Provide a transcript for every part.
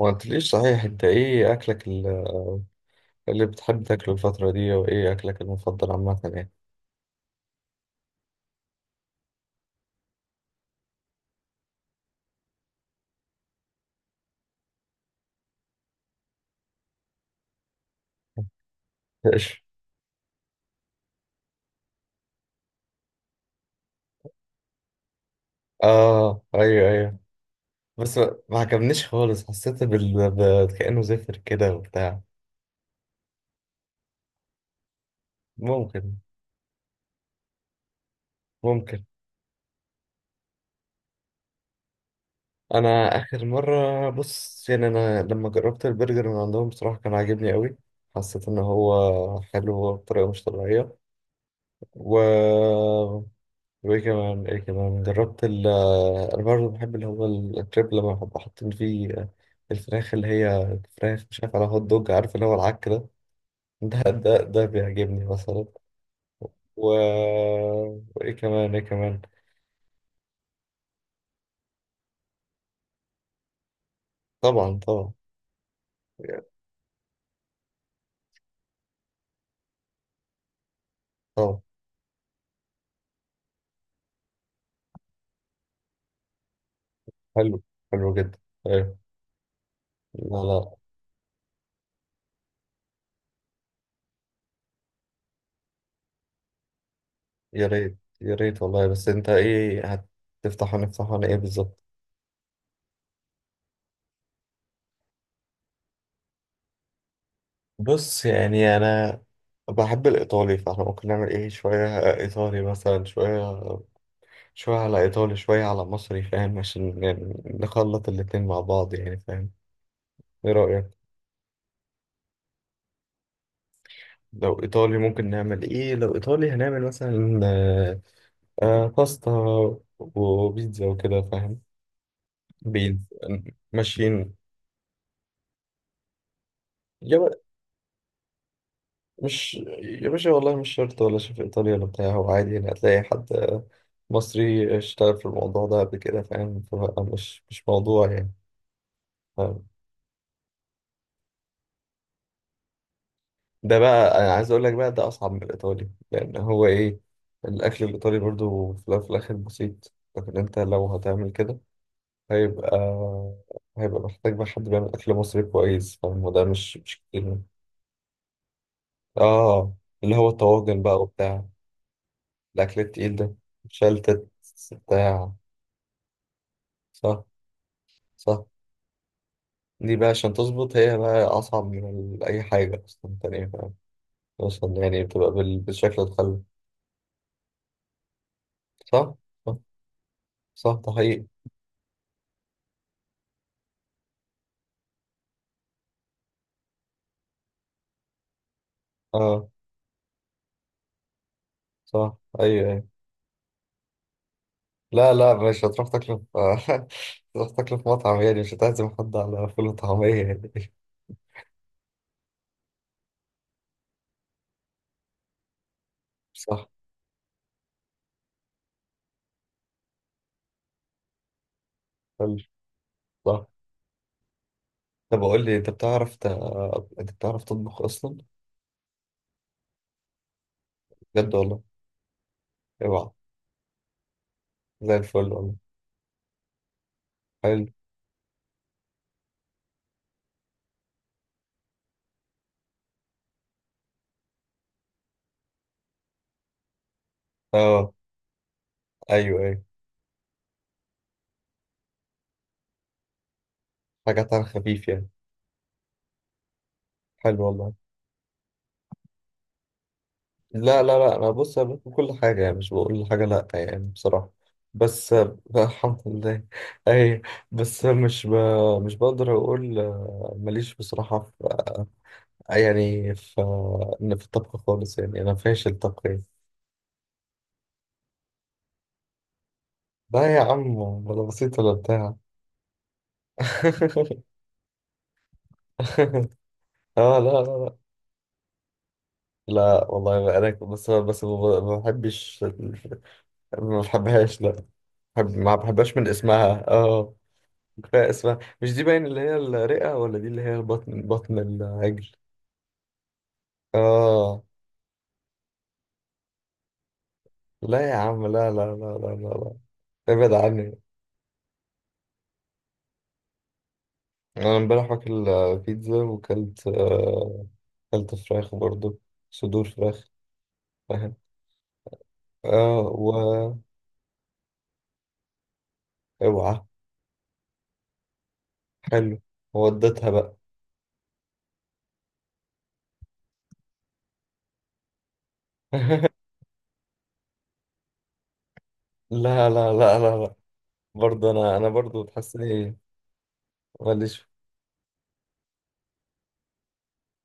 ما قلتليش صحيح، انت ايه اكلك اللي بتحب تاكله الفترة دي، وايه اكلك المفضل عامة يعني؟ ايش؟ اه ايوه ايوه. بس ما عجبنيش خالص، حسيت كأنه زفر كده وبتاع. ممكن. ممكن. انا اخر مرة، بص يعني، انا لما جربت البرجر من عندهم بصراحة كان عاجبني قوي. حسيت ان هو حلو بطريقة مش طبيعية. و وايه كمان جربت انا برضه بحب اللي هو الكريب، لما بحب حاطين فيه الفراخ اللي هي فراخ، مش عارف، على هوت دوج، عارف اللي هو العك ده. ده بيعجبني مثلا. و... وايه كمان. طبعا طبعا. طبعا. حلو. حلو جدا. ايوه. لا لا. يا ريت يا ريت والله، بس انت ايه، هتفتح ونفتح ولا ايه بالظبط؟ بص يعني انا بحب الايطالي، فاحنا ممكن نعمل ايه، شويه ايطالي مثلا، شويه شوية على إيطالي، شوية على مصري، فاهم؟ عشان يعني نخلط الاتنين مع بعض يعني، فاهم؟ إيه رأيك؟ لو إيطالي ممكن نعمل إيه؟ لو إيطالي هنعمل مثلا باستا وبيتزا وكده، فاهم؟ بيتزا. ماشيين. يا ب... مش يا باشا والله مش شرط، ولا شيف إيطالي ولا بتاع، هو عادي يعني، هتلاقي حد مصري اشتغل في الموضوع ده قبل كده، فاهم؟ فبقى مش موضوع يعني. ده بقى انا عايز اقول لك، بقى ده اصعب من الايطالي، لان هو ايه، الاكل الايطالي برضو في الأول وفي الاخر بسيط، لكن انت لو هتعمل كده هيبقى هيبقى محتاج بقى حد بيعمل اكل مصري كويس، فاهم؟ وده مش كتير يعني. اه، اللي هو الطواجن بقى وبتاع. الاكل التقيل ده. شلتت. بتاع. صح. صح. دي بقى عشان تظبط، هي بقى اصعب من اي حاجه اصلا تانية، فاهم؟ اصلا يعني بتبقى بالشكل الخل. صح. صح. صح، ده حقيقي. اه. صح ايوه ايوه. لا لا، مش هتروح تاكله في تروح تاكله في مطعم يعني، مش هتعزم حد على فول وطعمية يعني. صح. حلو. صح. طب اقول لي، انت انت بتعرف تطبخ اصلا؟ بجد والله. اوعى. زي الفل والله. حلو. اه ايوه ايوه. حاجات على خفيف يعني. حلو والله. لا لا لا، انا بص، انا باكل كل حاجه يعني، مش بقول حاجه لا، يعني بصراحه. بس الحمد لله. اي. بس مش ب... مش بقدر اقول ماليش بصراحه في آه، يعني ف إن في الطبخ خالص يعني، أنا فاشل طبخ يعني. لا يا عم، ولا بسيط ولا بتاع. اه لا لا لا. لا والله انا بس ما بحبش ما بحبهاش، لا. بحب، ما بحبهاش من اسمها، اه. كفايه اسمها، مش دي باين اللي هي الرئه، ولا دي اللي هي بطن، بطن العجل. اه لا يا عم، لا. ابعد عني. انا امبارح واكل بيتزا، وكلت أكلت فراخ برضو، صدور فراخ، فاهم؟ اه. و اوعى. حلو. وديتها بقى. لا لا لا لا لا. برضه انا، انا برضه بتحس اني ماليش.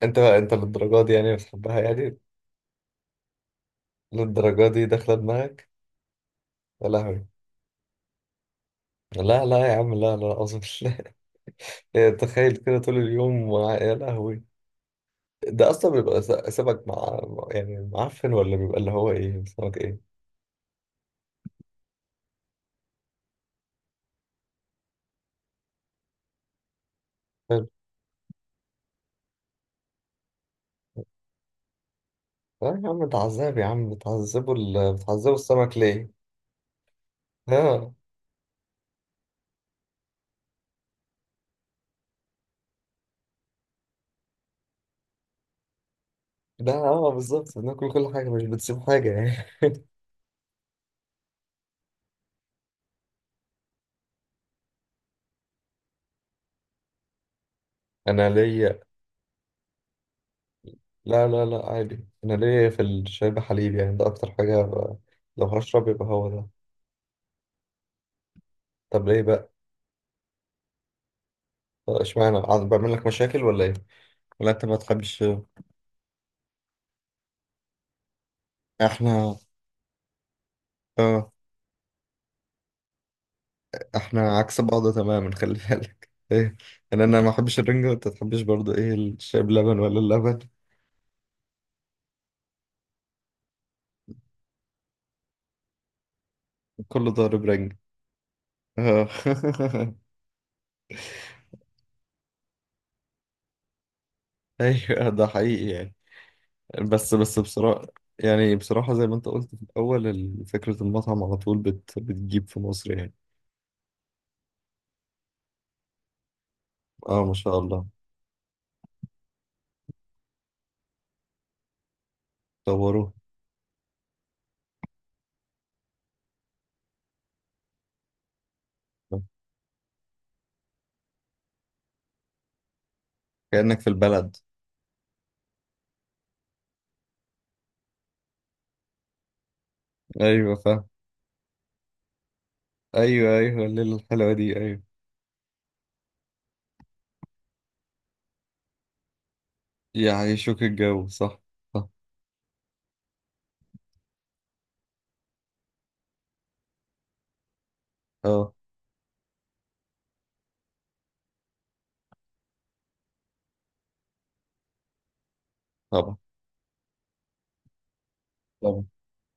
انت بقى، انت للدرجه دي يعني بتحبها يعني؟ للدرجه دي داخله دماغك؟ يا لهوي. لا لا يا عم، لا لا اظن. لا تخيل كده طول اليوم مع-، يا لهوي. ده اصلا بيبقى سمك مع، يعني معفن، ولا بيبقى اللي هو ايه، سمك ايه؟ حلو. لا يا عم، تعذب يا عم، بتعذبوا السمك ليه؟ اه. ده اه بالظبط، بناكل كل حاجة، مش بتسيب حاجة يعني. أنا ليا، لا لا لا عادي، أنا ليا في الشاي بحليب، يعني ده أكتر حاجة لو هشرب يبقى هو ده. طب ليه بقى؟ اشمعنى، عاد بعمل لك مشاكل ولا إيه؟ ولا أنت ما تحبش؟ إحنا. اه. إحنا عكس بعض تماما، خلي بالك. إيه، أنا، أنا ما أحبش الرنجة، وأنت ما تحبش برضه إيه، الشاي بلبن ولا اللبن؟ كله ضارب رنجة. اه. أيوه ده حقيقي يعني. بس بصراحة، يعني بصراحة زي ما انت قلت في الأول فكرة المطعم على طول بتجيب في مصر يعني. اه، ما شاء الله. طوروه. كأنك في البلد. أيوة فاهم. أيوة أيوة، الليلة الحلوة دي، أيوة. يعيشوك الجو. صح. صح. اه. طبعا. طبعا.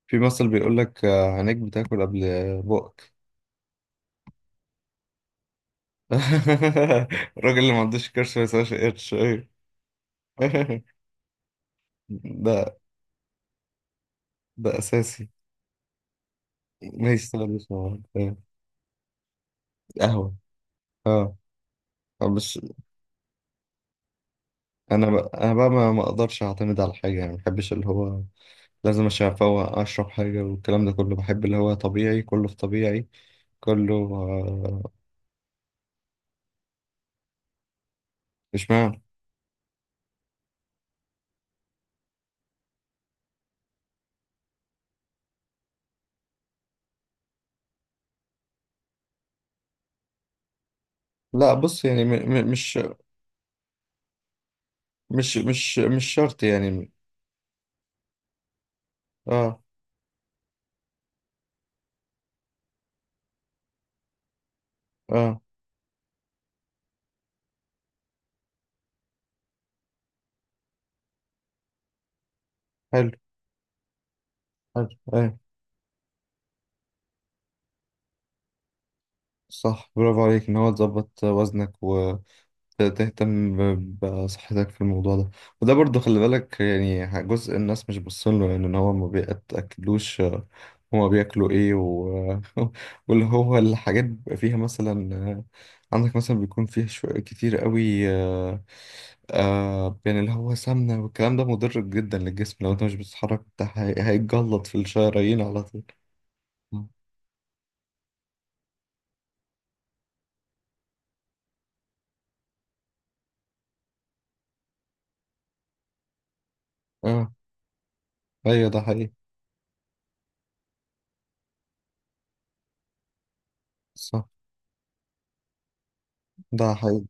في مثل بيقول لك عينيك بتاكل قبل بقك. الراجل اللي ما عندوش كرش ما يسواش قرش. أيوة. ده، ده أساسي. ماشي طبعا، مش. قهوة. اه. مش. انا بقى ما اقدرش اعتمد على حاجه يعني، ما بحبش اللي هو لازم عشان افوق اشرب حاجه، والكلام ده كله. بحب اللي هو طبيعي، كله في طبيعي، كله مش معنى. لا بص يعني، م... م... مش مش شرط يعني. اه. اه. حلو. حلو ايه. صح، برافو عليك ان هو تظبط وزنك، تهتم بصحتك في الموضوع ده. وده برضو خلي بالك يعني، جزء الناس مش باصين له يعني، ان هو ما بيتاكلوش هما بياكلوا ايه و... واللي هو الحاجات بيبقى فيها مثلا عندك مثلا بيكون فيها شوية كتير قوي، يعني اللي هو سمنة، والكلام ده مضر جدا للجسم، لو انت مش بتتحرك انت هيتجلط في الشرايين على طول. مم. اه ايوه، ده حقيقي. صح، ده حقيقي.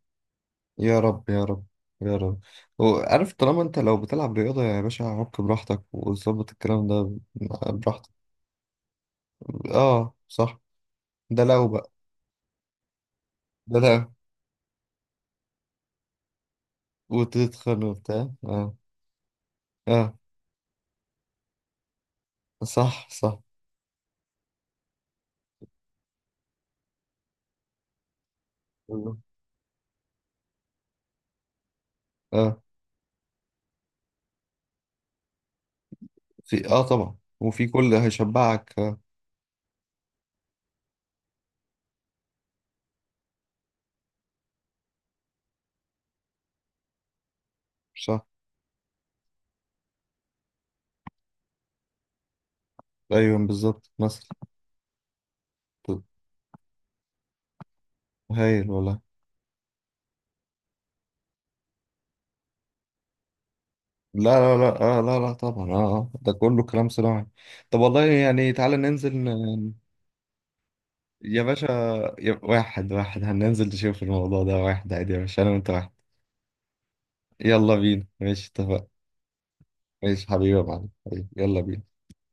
يا رب يا رب. يا رب. وعارف، طالما انت لو بتلعب رياضة يا باشا، عك براحتك وظبط الكلام ده. براحتك. اه صح. ده لو بقى. ده لو وتتخن وبتاع، اه. اه. صح صح. اه. في اه طبعا، وفي كل هيشبعك آه. صح. ايوه بالظبط مثلا. طب. هايل والله. لا لا لا آه لا لا طبعا اه آه. ده كله كلام صناعي. طب والله يعني تعالى ننزل. يا باشا، يا واحد واحد، هننزل نشوف الموضوع ده واحد عادي، يا باشا، انا وانت واحد. يلا بينا، ماشي، اتفقنا. ماشي حبيبي يا معلم، حبيبي يلا بينا.